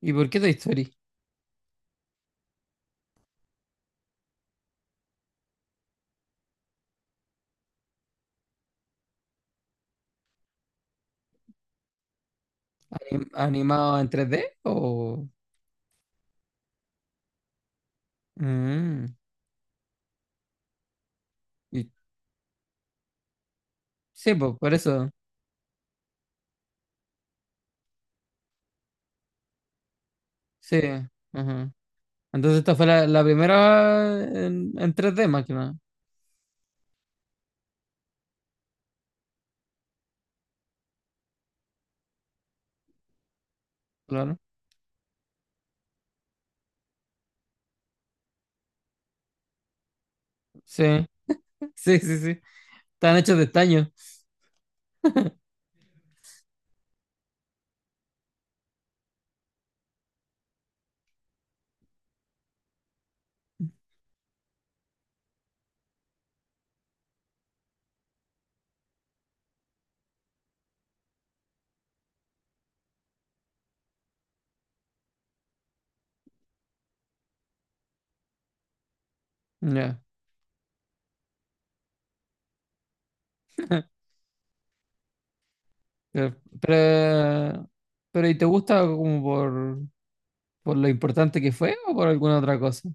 ¿Y por qué Toy Story? ¿Animado en tres d o...? Mm, y- sí, pues por eso. Sí, ajá. Entonces esta fue la primera en 3D más que nada. Claro. Sí. Sí, sí, sí. Están hechos de estaño. Ya. Pero, pero, pero, ¿y te gusta como por lo importante que fue o por alguna otra cosa?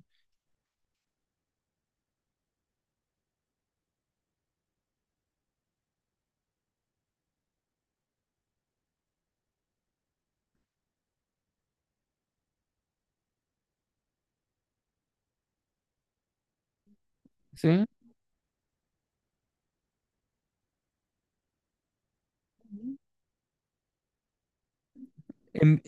¿Sí? En-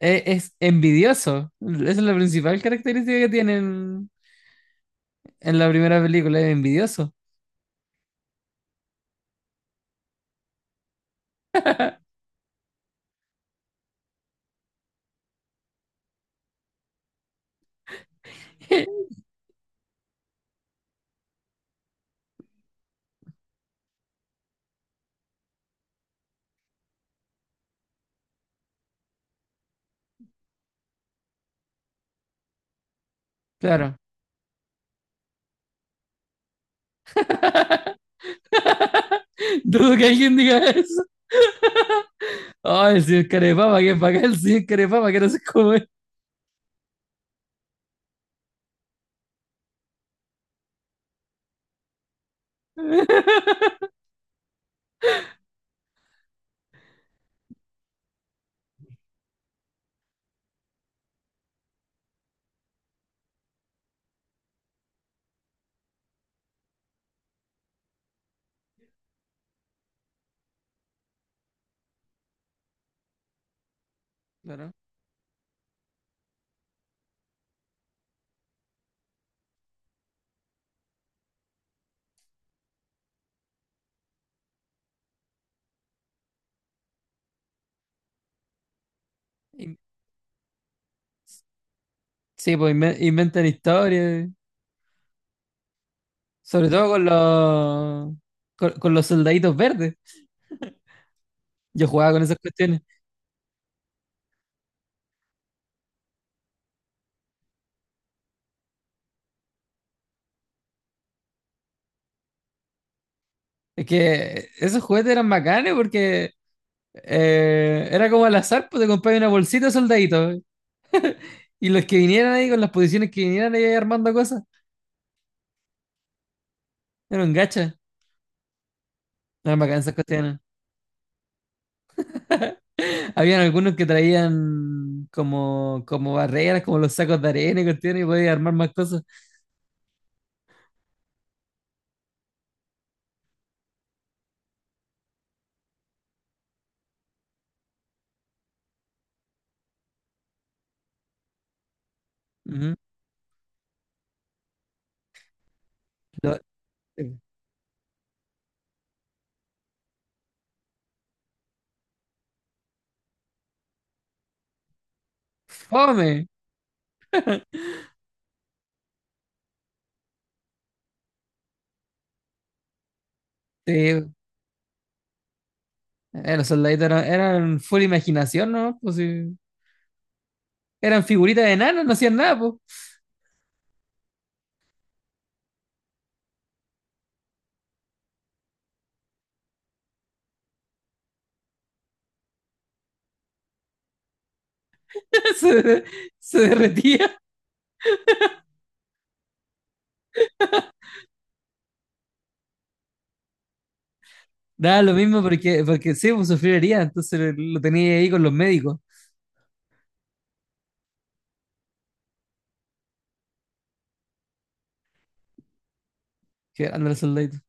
es envidioso. Esa es la principal característica que tienen en la primera película, es envidioso. Claro. Dudo que alguien diga eso. Ay, el señor Carepapa, que es bacán el señor Carepapa, que no se come. Claro. In- Sí, pues inventan historias. Sobre todo con los soldaditos verdes. Yo jugaba con esas cuestiones. Es que esos juguetes eran bacanes porque era como al azar, pues te comprabas una bolsita de soldaditos. Y los que vinieran ahí con las posiciones que vinieran ahí armando cosas, eran gachas. Eran bacanas esas cuestiones. Habían algunos que traían como, como barreras, como los sacos de arena y cuestiones, y podías armar más cosas. Ujú. Lo- eh, ¡Fome! Sí, los soldaditos eran, eran full imaginación, ¿no? Pues, sí. Eran figuritas de enanos, no hacían nada, pues. Se, se derretía. Daba lo mismo porque, porque sí, pues sufriría, entonces lo tenía ahí con los médicos, que eran los soldaditos.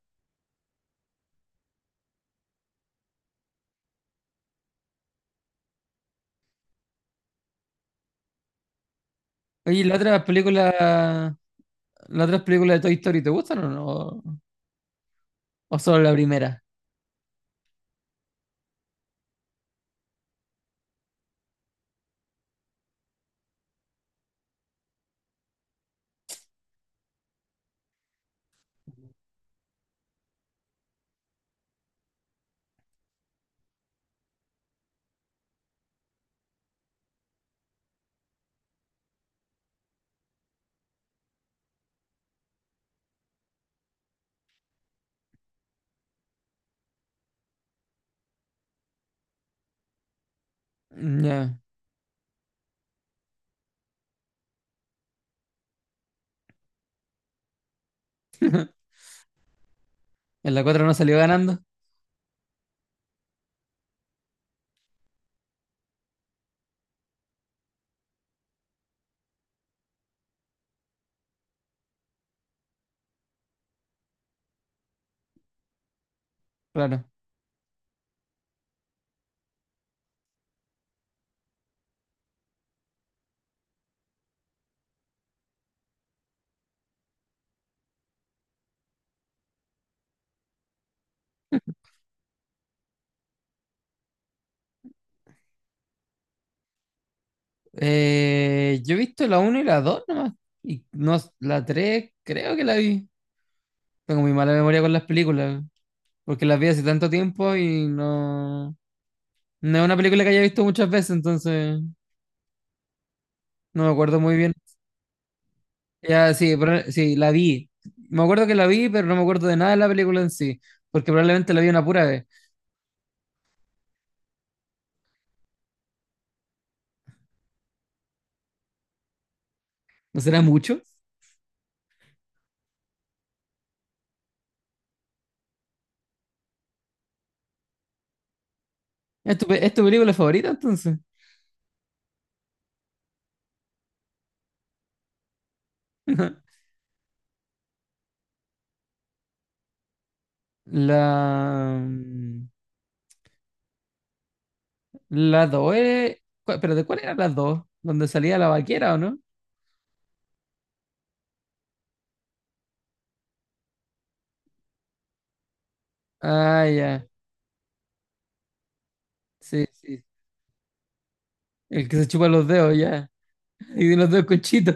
Oye, ¿y la otra película de Toy Story, ¿te gustan o no? ¿O solo la primera? Ya. En la cuatro no salió ganando. Claro. Yo he visto la uno y la 2 nomás. Y no, la tres, creo que la vi. Tengo muy mala memoria con las películas, porque las vi hace tanto tiempo y no... No es una película que haya visto muchas veces, entonces no me acuerdo muy bien. Ya, sí, sí, la vi. Me acuerdo que la vi, pero no me acuerdo de nada de la película en sí, porque probablemente la vi una pura vez. ¿No será mucho? ¿Es tu, es tu película favorita entonces? La... La 2 es... ¿Pero de cuál era la 2? ¿Donde salía la vaquera o no? Ah, ya. Sí, sí. El que se chupa los dedos, ya. Y tiene los dedos conchitos.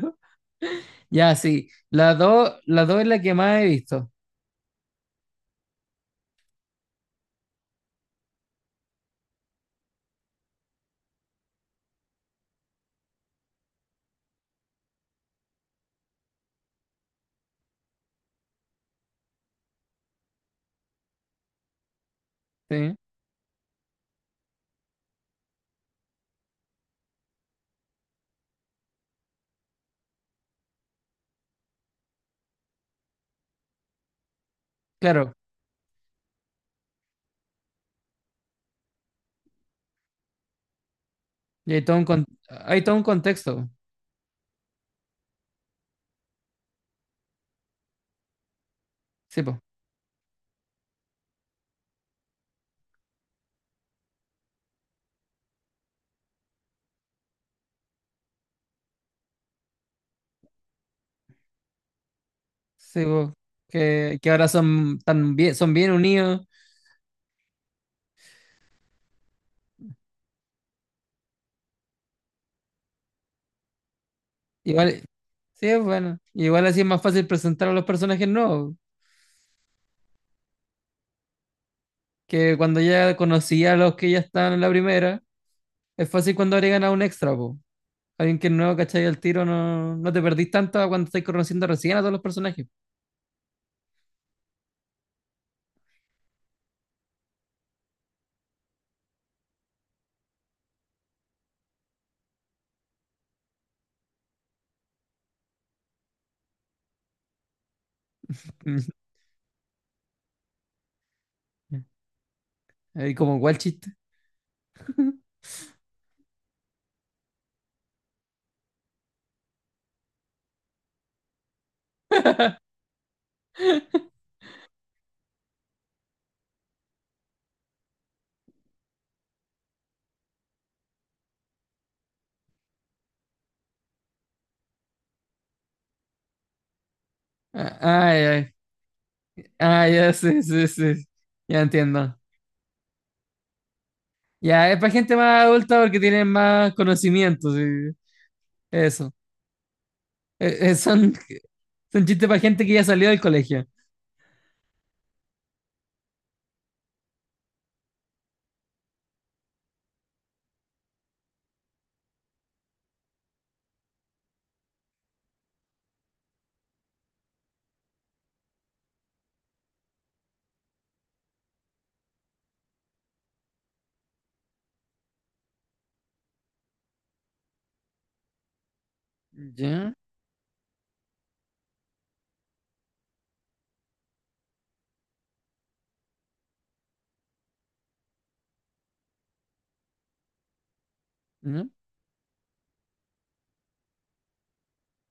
Ya, sí. La dos es la que más he visto. Sí. Claro. Y hay todo un, hay todo un contexto. Sí, po. Sí, po. Que ahora son tan bien, son bien unidos. Igual, sí, es bueno. Igual así es más fácil presentar a los personajes nuevos. Que cuando ya conocía a los que ya están en la primera, es fácil cuando agregan a un extra, po. Alguien que es nuevo, ¿cachai? Al tiro no, no te perdís tanto a cuando estás conociendo recién a todos los personajes. Ujú. Ahí como cuál chiste. Ah, ah, ya, ah, ya, sí, sí, sí. Ya entiendo. Ya, es para gente más adulta porque tienen más conocimiento, sí. Eso. Son, son chistes para gente que ya salió del colegio. Ya, ya,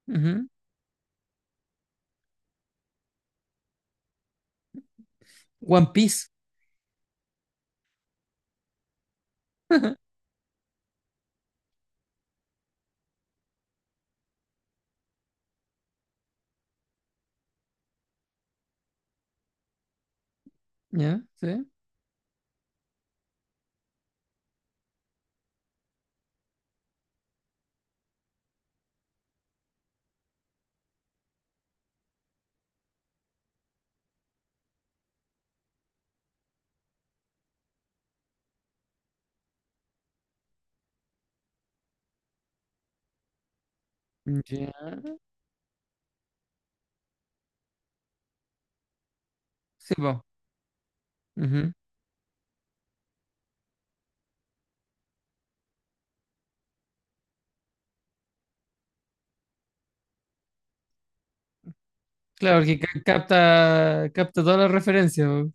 ujú. One Piece. Ya, sí. Ya, sí, po. Ujú. Claro, porque capta, capta todas las referencias, po.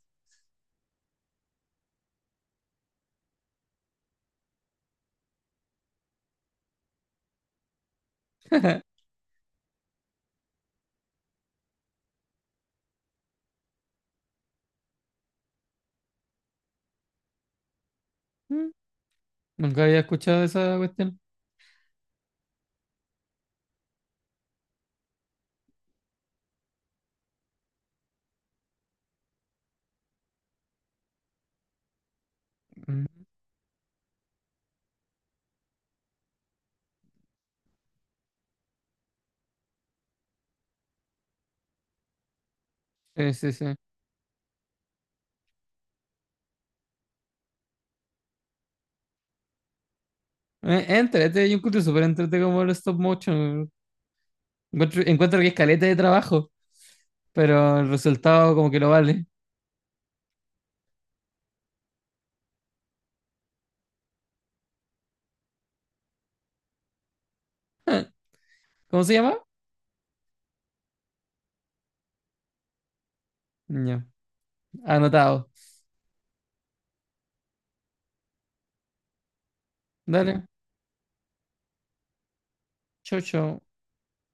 Mm, Nunca había escuchado esa cuestión. Mm. Sí, sí, sí. Entrete, yo encuentro súper entrete como el stop motion. Encuentro, encuentro que es caleta de trabajo, pero el resultado como que lo vale. ¿Cómo se llama? Ya. Anotado. Dale. Chau, chau.